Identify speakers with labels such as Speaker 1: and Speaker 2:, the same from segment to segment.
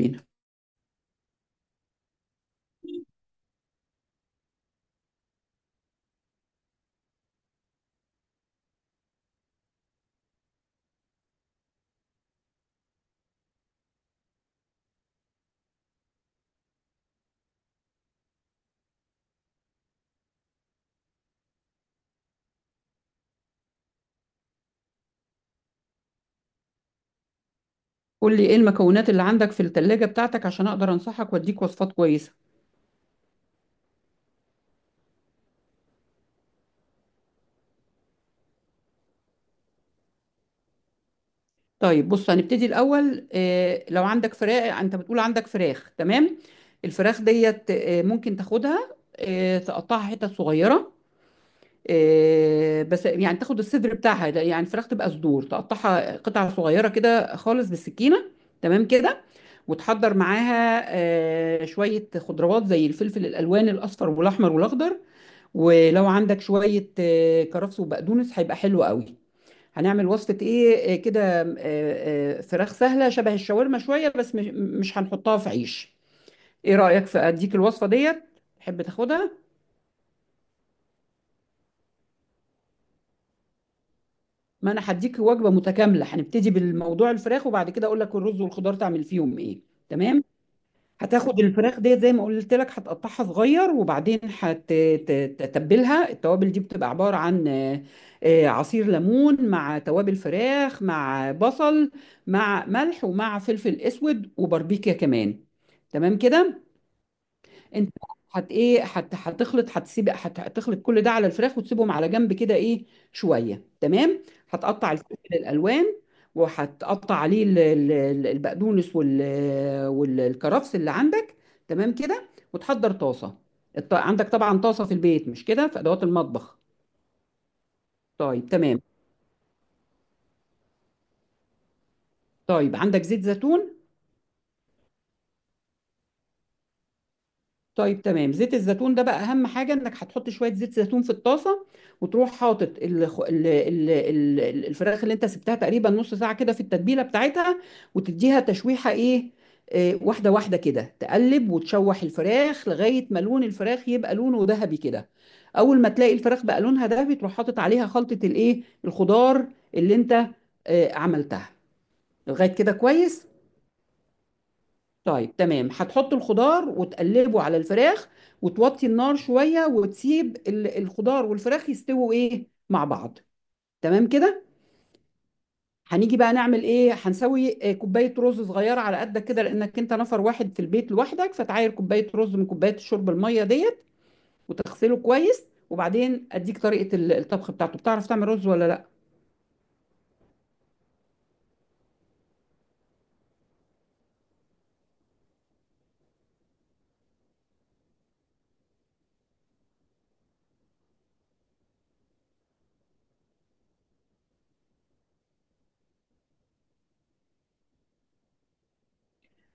Speaker 1: بينا، قول لي ايه المكونات اللي عندك في التلاجة بتاعتك عشان اقدر انصحك واديك وصفات كويسة. طيب بص هنبتدي الاول، لو عندك فراخ، انت بتقول عندك فراخ. تمام. الفراخ ديت ممكن تاخدها، تقطعها حتت صغيرة. بس يعني تاخد الصدر بتاعها، لا، يعني الفراخ تبقى صدور تقطعها قطع صغيرة كده خالص بالسكينة. تمام كده. وتحضر معاها شوية خضروات زي الفلفل الألوان: الأصفر والأحمر والأخضر. ولو عندك شوية كرفس وبقدونس هيبقى حلو قوي. هنعمل وصفة ايه آه، كده آه، آه، فراخ سهلة شبه الشاورما شوية، بس مش هنحطها في عيش. ايه رأيك في اديك الوصفة ديت؟ تحب تاخدها؟ ما انا هديك وجبة متكاملة، هنبتدي بالموضوع الفراخ وبعد كده اقول لك الرز والخضار تعمل فيهم ايه. تمام. هتاخد الفراخ ديت زي ما قلت لك، هتقطعها صغير وبعدين هتتبلها. التوابل دي بتبقى عبارة عن عصير ليمون مع توابل فراخ مع بصل مع ملح ومع فلفل اسود وباربيكيا كمان. تمام كده. انت هت ايه هت هتخلط، هتخلط كل ده على الفراخ وتسيبهم على جنب كده ايه شويه. تمام. هتقطع الفلفل الالوان وهتقطع عليه البقدونس والكرفس اللي عندك. تمام كده. وتحضر طاسه. عندك طبعا طاسه في البيت، مش كده، في ادوات المطبخ. طيب تمام. طيب عندك زيت زيتون؟ طيب تمام. زيت الزيتون ده بقى اهم حاجه، انك هتحط شويه زيت زيتون في الطاسه وتروح حاطط ال الفراخ اللي انت سبتها تقريبا نص ساعه كده في التتبيله بتاعتها، وتديها تشويحه ايه واحده واحده كده. تقلب وتشوح الفراخ لغايه ما لون الفراخ يبقى لونه ذهبي كده. اول ما تلاقي الفراخ بقى لونها ذهبي تروح حاطط عليها خلطه الايه الخضار اللي انت عملتها. لغايه كده كويس. طيب تمام. هتحط الخضار وتقلبه على الفراخ، وتوطي النار شوية وتسيب الخضار والفراخ يستووا ايه مع بعض. تمام كده. هنيجي بقى نعمل ايه، هنسوي كوباية رز صغيرة على قدك كده، لانك انت نفر واحد في البيت لوحدك. فتعاير كوباية رز من كوباية الشرب المية ديت وتغسله كويس. وبعدين اديك طريقة الطبخ بتاعته. بتعرف تعمل رز ولا لا؟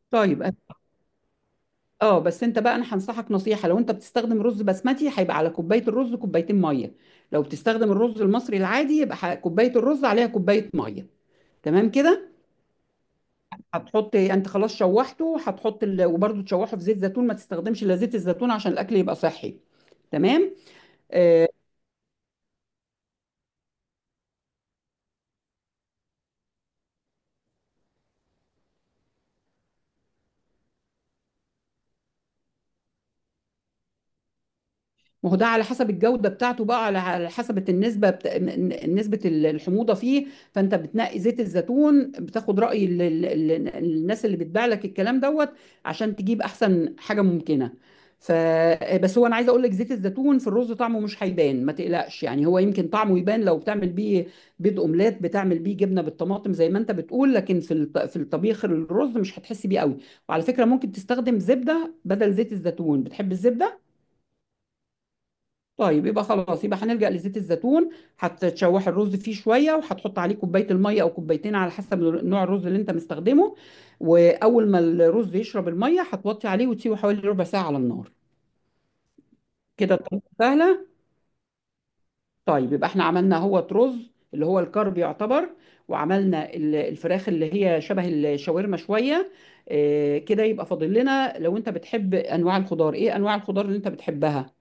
Speaker 1: طيب. اه بس انت بقى، انا هنصحك نصيحه: لو انت بتستخدم رز بسمتي هيبقى على كوبايه الرز كوبايتين ميه. لو بتستخدم الرز المصري العادي يبقى كوبايه الرز عليها كوبايه ميه. تمام كده. هتحط انت، خلاص شوحته، هتحط وبرده تشوحه في زيت زيتون. ما تستخدمش الا زيت الزيتون عشان الاكل يبقى صحي. تمام. آه، ما هو ده على حسب الجودة بتاعته بقى، على حسب النسبة نسبة الحموضة فيه. فأنت بتنقي زيت الزيتون بتاخد رأي الناس اللي بتبيع لك الكلام دوت عشان تجيب أحسن حاجة ممكنة. ف آه، بس هو أنا عايزة أقول لك زيت الزيتون في الرز طعمه مش هيبان، ما تقلقش. يعني هو يمكن طعمه يبان لو بتعمل بيه بيض أومليت، بتعمل بيه جبنة بالطماطم زي ما أنت بتقول. لكن في في الطبيخ الرز مش هتحس بيه قوي. وعلى فكرة ممكن تستخدم زبدة بدل زيت الزيتون. بتحب الزبدة؟ طيب يبقى خلاص، يبقى هنلجأ لزيت الزيتون. هتشوح الرز فيه شويه وهتحط عليه كوبايه الميه او كوبايتين على حسب نوع الرز اللي انت مستخدمه. واول ما الرز يشرب الميه هتوطي عليه وتسيبه حوالي ربع ساعه على النار. كده الطريقه سهله. طيب يبقى احنا عملنا هو رز اللي هو الكرب يعتبر، وعملنا الفراخ اللي هي شبه الشاورما شويه كده. يبقى فاضل لنا، لو انت بتحب انواع الخضار، ايه انواع الخضار اللي انت بتحبها؟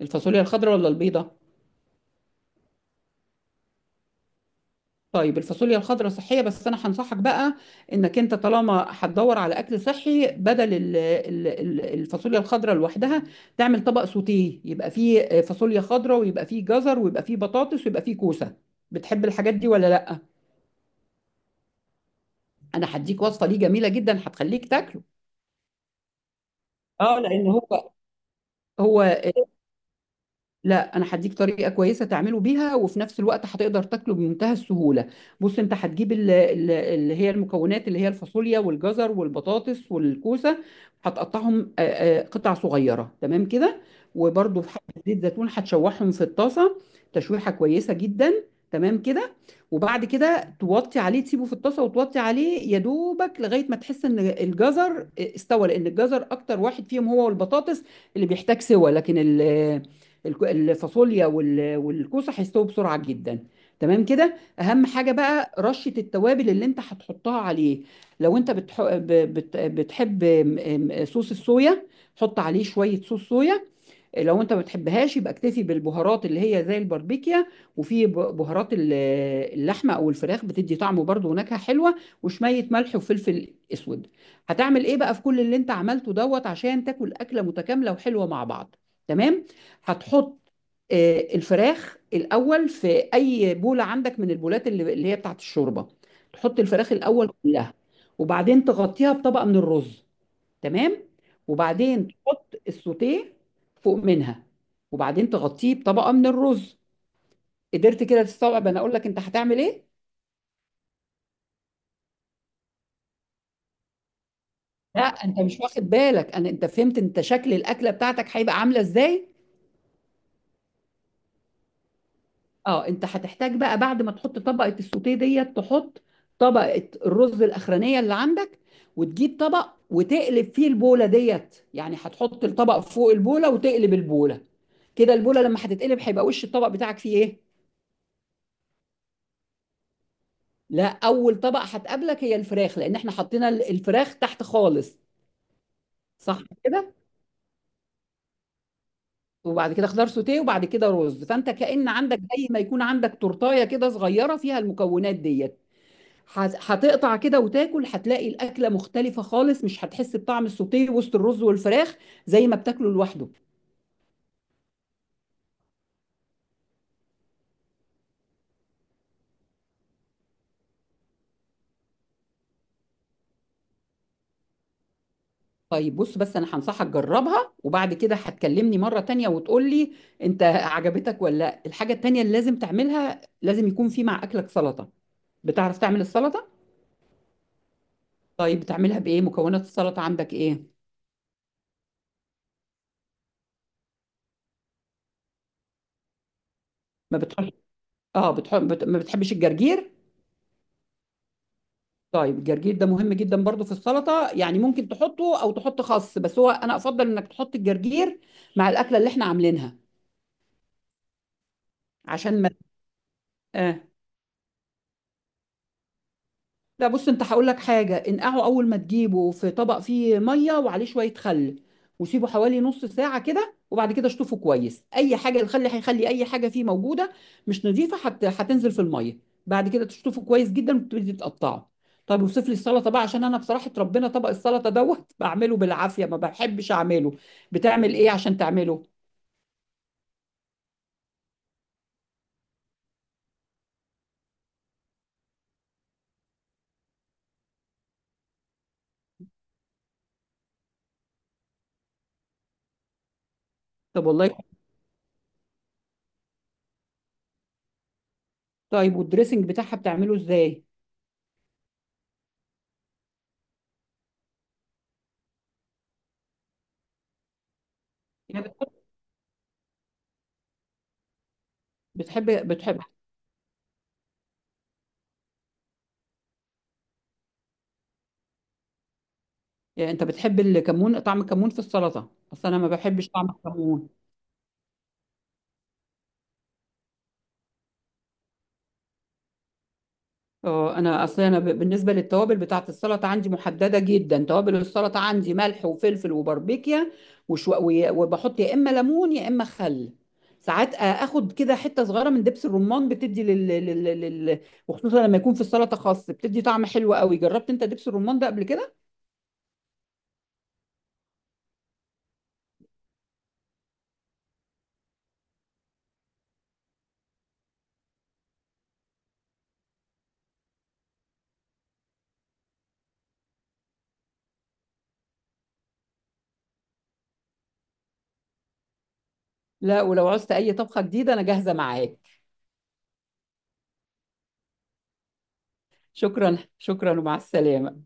Speaker 1: الفاصوليا الخضراء ولا البيضه؟ طيب الفاصوليا الخضراء صحية. بس أنا هنصحك بقى إنك أنت طالما هتدور على أكل صحي، بدل الفاصوليا الخضراء لوحدها تعمل طبق سوتيه يبقى فيه فاصوليا خضراء ويبقى فيه جزر ويبقى فيه بطاطس ويبقى فيه كوسة. بتحب الحاجات دي ولا لأ؟ أنا هديك وصفة ليه جميلة جدا هتخليك تاكله. اه، لان هو. هو لا، انا هديك طريقه كويسه تعمله بيها وفي نفس الوقت هتقدر تاكله بمنتهى السهوله. بص انت هتجيب اللي هي المكونات اللي هي الفاصوليا والجزر والبطاطس والكوسه. هتقطعهم قطع صغيره. تمام كده. وبرده في حبه زيت زيتون هتشوحهم في الطاسه تشويحه كويسه جدا. تمام كده. وبعد كده توطي عليه، تسيبه في الطاسه وتوطي عليه يا دوبك لغايه ما تحس ان الجزر استوى، لان الجزر اكتر واحد فيهم هو والبطاطس اللي بيحتاج سوى، لكن الفاصوليا والكوسه هيستووا بسرعه جدا. تمام كده. اهم حاجه بقى رشه التوابل اللي انت هتحطها عليه. لو انت بتحب صوص الصويا، حط عليه شويه صوص صويا. لو انت ما بتحبهاش يبقى اكتفي بالبهارات اللي هي زي الباربيكيا، وفي بهارات اللحمه او الفراخ، بتدي طعم وبرده ونكهه حلوه. وشويه ملح وفلفل اسود. هتعمل ايه بقى في كل اللي انت عملته دوت عشان تاكل اكله متكامله وحلوه مع بعض؟ تمام. هتحط الفراخ الاول في اي بوله عندك من البولات اللي هي بتاعت الشوربه. تحط الفراخ الاول كلها، وبعدين تغطيها بطبقه من الرز. تمام. وبعدين تحط السوتيه فوق منها. وبعدين تغطيه بطبقه من الرز. قدرت كده تستوعب انا اقول لك انت هتعمل ايه؟ لا، انت مش واخد بالك. انا، انت فهمت انت شكل الاكله بتاعتك هيبقى عامله ازاي؟ اه، انت هتحتاج بقى بعد ما تحط طبقه السوتيه ديت تحط طبقه الرز الاخرانيه اللي عندك، وتجيب طبق وتقلب فيه البوله ديت. يعني هتحط الطبق فوق البوله وتقلب البوله. كده البوله لما هتتقلب هيبقى وش الطبق بتاعك فيه ايه؟ لا، اول طبق هتقابلك هي الفراخ لان احنا حطينا الفراخ تحت خالص. صح كده. وبعد كده خضار سوتيه وبعد كده رز. فانت كأن عندك، زي ما يكون عندك تورتايه كده صغيره فيها المكونات ديت. هتقطع كده وتاكل، هتلاقي الاكله مختلفه خالص. مش هتحس بطعم السوتيه وسط الرز والفراخ زي ما بتاكله لوحده. طيب بص، بس انا هنصحك جربها وبعد كده هتكلمني مره تانية وتقول لي انت عجبتك ولا لا. الحاجه التانية اللي لازم تعملها: لازم يكون في مع اكلك سلطه. بتعرف تعمل السلطه؟ طيب بتعملها بايه؟ مكونات السلطه عندك ايه؟ ما بتحبش، اه بتحب، ما بتحبش الجرجير؟ طيب الجرجير ده مهم جدا برضو في السلطه. يعني ممكن تحطه او تحط خس، بس هو انا افضل انك تحط الجرجير مع الاكله اللي احنا عاملينها عشان ما آه. لا بص، انت هقول لك حاجه: انقعه اول ما تجيبه في طبق فيه ميه وعليه شويه خل، وسيبه حوالي نص ساعه كده. وبعد كده اشطفه كويس. اي حاجه الخل هيخلي اي حاجه فيه موجوده مش نظيفه هتنزل في الميه. بعد كده تشطفه كويس جدا وتبتدي تقطعه. طب وصف لي السلطه بقى، عشان انا بصراحه ربنا، طبق السلطه دوت بعمله بالعافيه ما بحبش اعمله. بتعمل ايه عشان تعمله؟ طب والله. طيب والدريسنج بتاعها بتعمله ازاي؟ يعني بتحب بتحب؟ يعني انت بتحب الكمون، طعم الكمون في السلطه؟ اصل انا ما بحبش طعم الكمون. اه، انا اصل انا بالنسبه للتوابل بتاعه السلطه عندي محدده جدا. توابل السلطه عندي ملح وفلفل وباربيكيا وبحط يا اما ليمون يا اما خل. ساعات اخد كده حته صغيره من دبس الرمان بتدي وخصوصا لما يكون في السلطه خاص بتدي طعم حلو قوي. جربت انت دبس الرمان ده قبل كده؟ لا، ولو عوزت اي طبخه جديده انا جاهزه معاك. شكرا، شكرا ومع السلامه.